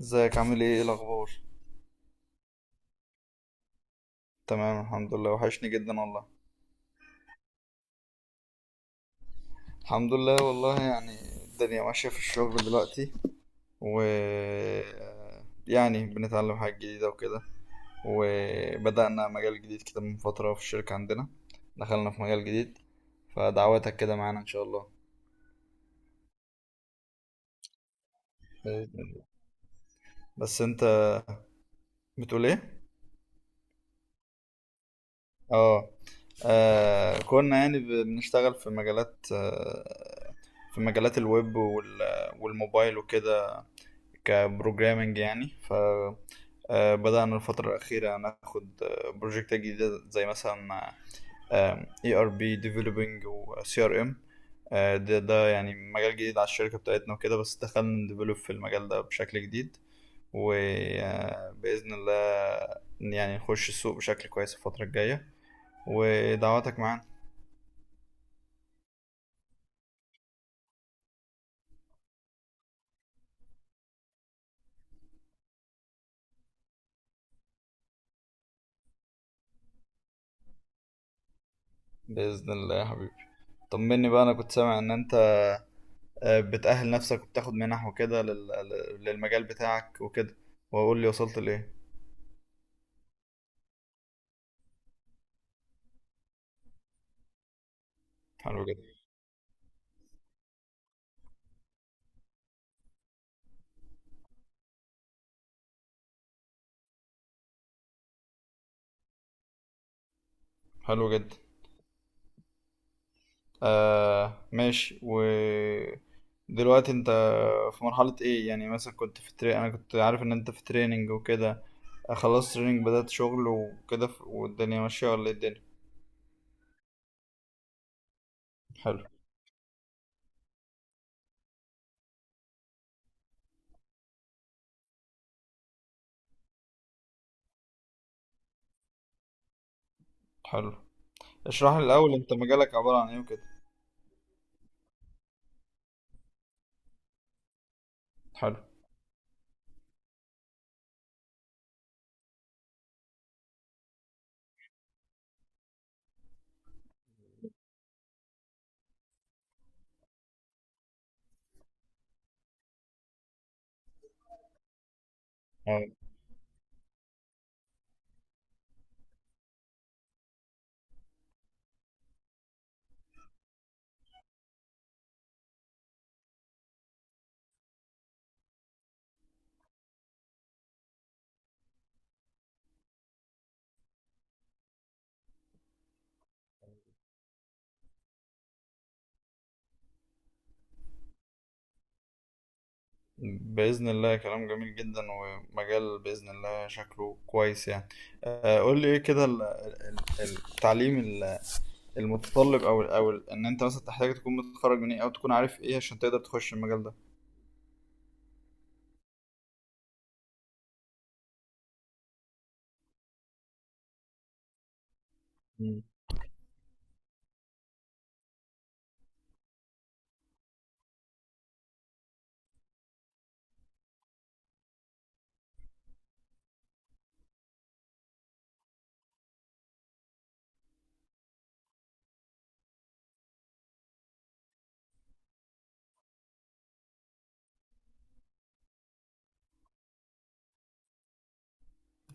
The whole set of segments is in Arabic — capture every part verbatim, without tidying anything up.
ازيك؟ عامل ايه؟ ايه الاخبار؟ تمام، الحمد لله، وحشني جدا والله. الحمد لله والله. يعني الدنيا ماشية في الشغل دلوقتي و يعني بنتعلم حاجات جديدة وكده، وبدأنا مجال جديد كده من فترة في الشركة عندنا، دخلنا في مجال جديد، فدعواتك كده معانا ان شاء الله. بإذن الله. بس انت بتقول ايه؟ اه. آه، كنا يعني ب- بنشتغل في مجالات، آه، في مجالات الويب وال- والموبايل وكده، كبروجرامنج يعني. ف آه، بدأنا الفترة الأخيرة ناخد آه، بروجكتات جديدة زي مثلا اي ار بي ديفلوبينج وسي ار ام. ده ده يعني مجال جديد على الشركة بتاعتنا وكده، بس دخلنا نديفلوب في المجال ده بشكل جديد. وبإذن الله يعني نخش السوق بشكل كويس الفترة الجاية. ودعواتك معانا، بإذن الله يا حبيبي. طمني بقى، أنا كنت سامع إن أنت آه، بتأهل نفسك وبتاخد منح وكده لل- لل- للمجال بتاعك وكده. وأقول لي وصلت لإيه؟ حلو جدا. حلو جدا. آه، ماشي. ودلوقتي أنت في مرحلة إيه يعني؟ مثلا كنت في تري... أنا كنت عارف إن أنت في تريننج وكده، خلصت تريننج، بدأت شغل وكده. ف- والدنيا ماشية ولا إيه الدنيا؟ حلو. حلو. اشرح لي الأول، أنت مجالك عبارة عن إيه وكده؟ حلو. بإذن الله. كلام جميل جدا، ومجال بإذن الله شكله كويس يعني. آه، قول لي ايه كده، ال- ال- ال- التعليم ال- المتطلب، او ال- او ال- ان انت مثلا تحتاج تكون متخرج من ايه، او تكون عارف ايه عشان تقدر تخش المجال ده؟ مم.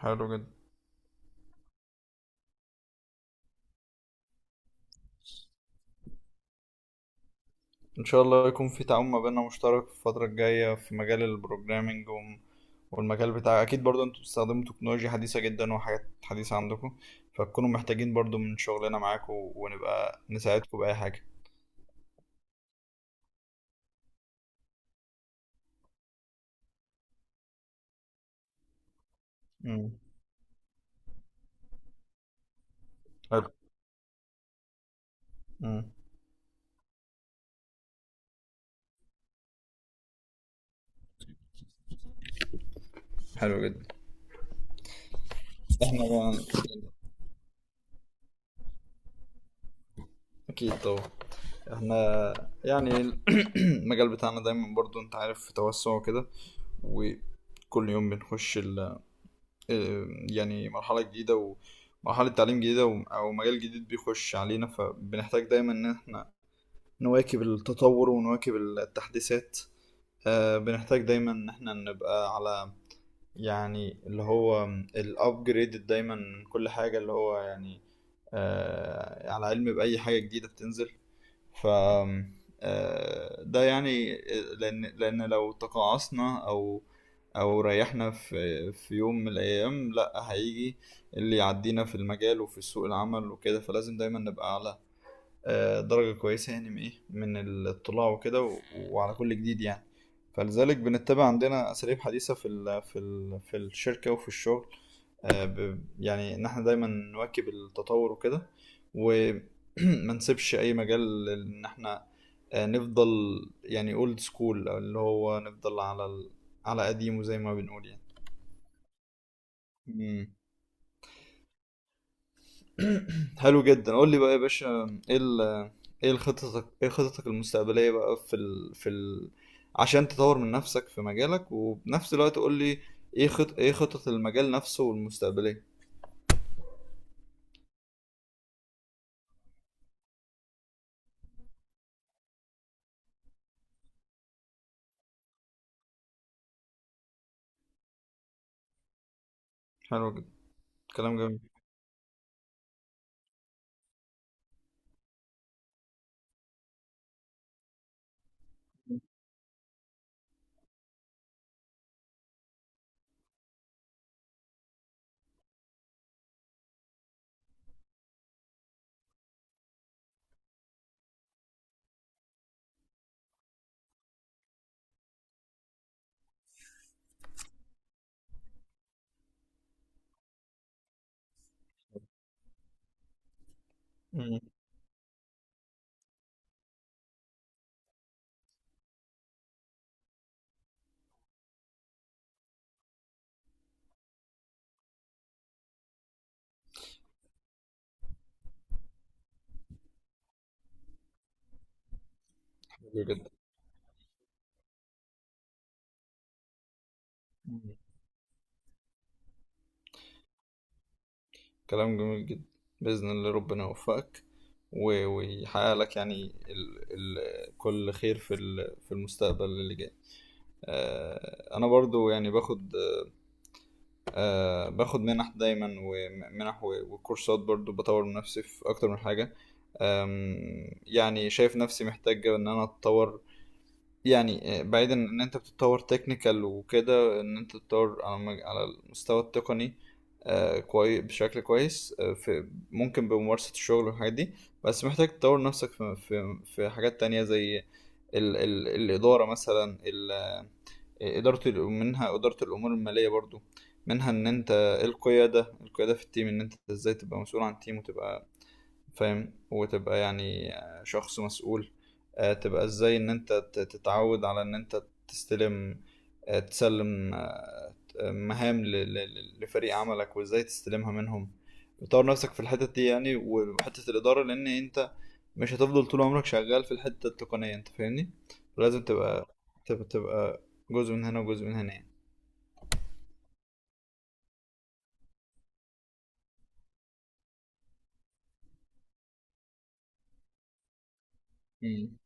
حلو جدا. ان شاء الله يكون في تعاون ما بيننا مشترك في الفترة الجاية في مجال البروجرامينج وم- والمجال بتاع، اكيد برضه انتوا بتستخدموا تكنولوجيا حديثة جدا وحاجات حديثة عندكم، فتكونوا محتاجين برضه من شغلنا معاكم ونبقى نساعدكم بأي حاجة. مم. حلو. مم. حلو جدا. احنا يعني، اكيد طبعا، احنا يعني ال- المجال بتاعنا دايما برضو انت عارف في توسع وكده. وكل يوم بنخش ال آه، يعني مرحلة جديدة، ومرحلة تعليم جديدة و- او مجال جديد بيخش علينا، فبنحتاج دايما ان احنا نواكب التطور ونواكب التحديثات. آه، بنحتاج دايما ان احنا نبقى على، يعني اللي هو، الابجريد دايما من كل حاجة. اللي هو يعني آه، على علم بأي حاجة جديدة بتنزل. ف آه، ده يعني، لأن لأن لو تقاعصنا أو أو ريحنا في في يوم من الأيام، لأ هيجي اللي يعدينا في المجال وفي سوق العمل وكده. فلازم دايما نبقى على آه، درجة كويسة يعني، من إيه، من الاطلاع وكده، و- وعلى كل جديد يعني. فلذلك بنتبع عندنا أساليب حديثة في ال في ال في الشركة وفي الشغل. آه، ب- يعني إن إحنا دايما نواكب التطور وكده. وما نسيبش أي مجال إن إحنا آه، نفضل يعني اولد سكول، اللي هو نفضل على ال... على قديمه زي ما بنقول يعني. حلو جدا. قول لي بقى يا باشا، ايه ال ايه خططك ايه خططك المستقبلية بقى، في ال في ال عشان تطور من نفسك في مجالك، وبنفس الوقت قول لي ايه خط ايه خطط المجال نفسه والمستقبلية. حلو جدا. كلام جميل. مم. حلو جدا. مم. كلام جميل جدا. بإذن الله ربنا يوفقك و- ويحقق لك يعني ال ال كل خير في ال في المستقبل اللي جاي. آه، انا برضو يعني باخد آه باخد منح دايما ومنح و- وكورسات، برضو بطور من نفسي في اكتر من حاجة. آم، يعني شايف نفسي محتاج ان انا اتطور يعني. آه، بعيدا ان انت بتتطور تكنيكال وكده، ان انت تتطور على مج- على المستوى التقني كويس، بشكل كويس، آه، في ممكن بممارسة الشغل والحاجات دي. بس محتاج تطور نفسك في في في حاجات تانية زي ال ال الإدارة مثلا، ال إدارة ال- منها إدارة الأمور المالية برضو، منها إن أنت القيادة، القيادة في التيم، إن أنت إزاي تبقى مسؤول عن تيم، وتبقى فاهم، وتبقى يعني شخص مسؤول. آه، تبقى ازاي ان انت ت- تتعود على ان انت تستلم آه، تسلم آه، مهام ل- ل- ل- لفريق عملك، وازاي تستلمها منهم. بتطور نفسك في الحتة دي يعني، وحتة الإدارة لأن أنت مش هتفضل طول عمرك شغال في الحتة التقنية. أنت فاهمني؟ لازم تبقى. تبقى تبقى جزء من هنا وجزء من هنا يعني. مم.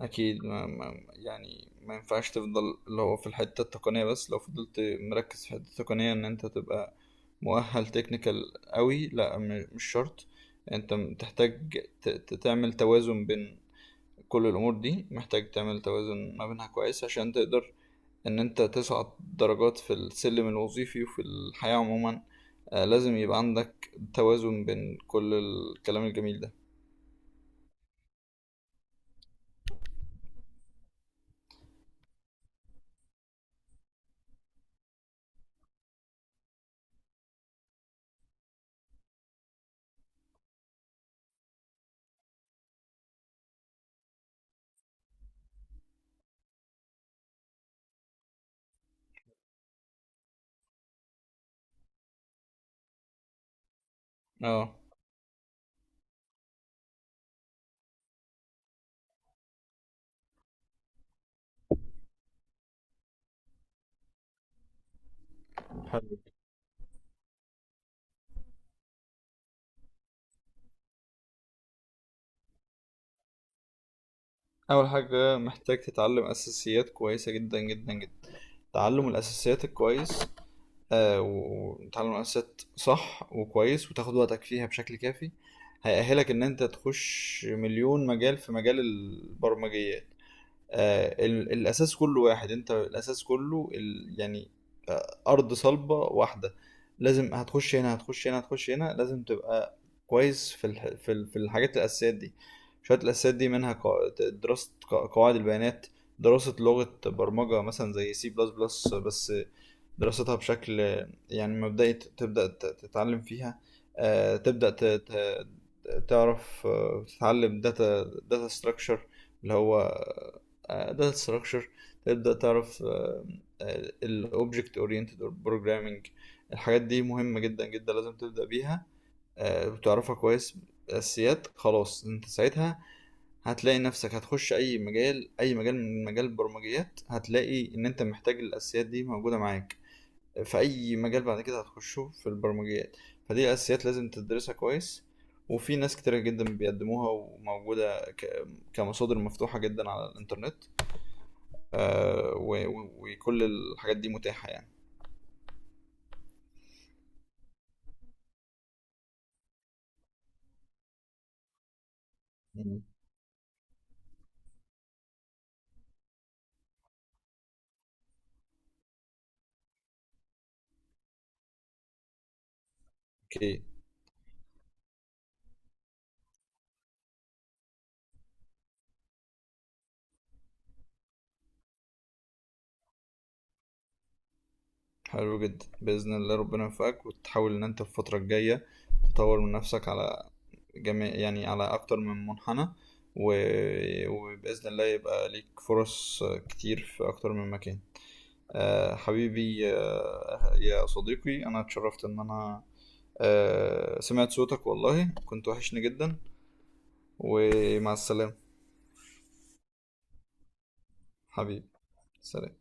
اكيد، ما ما يعني ما ينفعش تفضل اللي هو في الحته التقنيه بس. لو فضلت مركز في الحته التقنيه ان انت تبقى مؤهل تكنيكال قوي، لا. م- مش شرط. انت م- تحتاج ت- ت- تعمل توازن بين كل الامور دي. محتاج تعمل توازن ما بينها كويس عشان تقدر ان انت تصعد درجات في السلم الوظيفي وفي الحياه عموما. آه، لازم يبقى عندك توازن بين كل الكلام الجميل ده. اه. أول حاجة محتاج تتعلم أساسيات كويسة جدا جدا جدا. تعلم الأساسيات الكويس. آه و- وتعلم الأساسيات صح وكويس وتاخد وقتك فيها بشكل كافي، هيأهلك إن أنت تخش مليون مجال في مجال البرمجيات. آه ال- الأساس كله واحد، أنت الأساس كله ال يعني ارض صلبه واحده. لازم، هتخش هنا هتخش هنا هتخش هنا، لازم تبقى كويس في الح... في ال- في الحاجات الاساسيات دي. شويه الاساسيات دي منها، قا- دراسه قا- قواعد البيانات، دراسه لغه برمجه مثلا زي سي بلس بلس بس، دراستها بشكل يعني مبدئي، ت- تبدأ ت- تتعلم فيها. آه، تبدأ ت- ت- تعرف، آه، تتعلم داتا داتا ستراكشر، اللي هو داتا ستراكشر. تبدأ تعرف الاوبجكت اورينتد بروجرامنج. الحاجات دي مهمة جدا جدا، لازم تبدأ بيها آه، وتعرفها كويس. اساسيات. خلاص، انت ساعتها هتلاقي نفسك هتخش اي مجال، اي مجال من مجال البرمجيات هتلاقي ان انت محتاج الاساسيات دي موجودة معاك في اي مجال بعد كده هتخشه في البرمجيات. فدي اساسيات لازم تدرسها كويس. وفي ناس كتيرة جدا بيقدموها وموجودة ك- كمصادر مفتوحة جدا على الإنترنت. آه، و- و- وكل الحاجات دي متاحة يعني. مم. اوكي. حلو جدا. بإذن الله ربنا يوفقك، وتحاول إن أنت في الفترة الجاية تطور من نفسك على جميع يعني على أكتر من منحنى. و... وبإذن الله يبقى ليك فرص كتير في أكتر من مكان. آه، حبيبي، آه، يا صديقي، انا اتشرفت ان انا آه، سمعت صوتك والله. كنت وحشني جدا. ومع السلامة. حبيبي، سلام.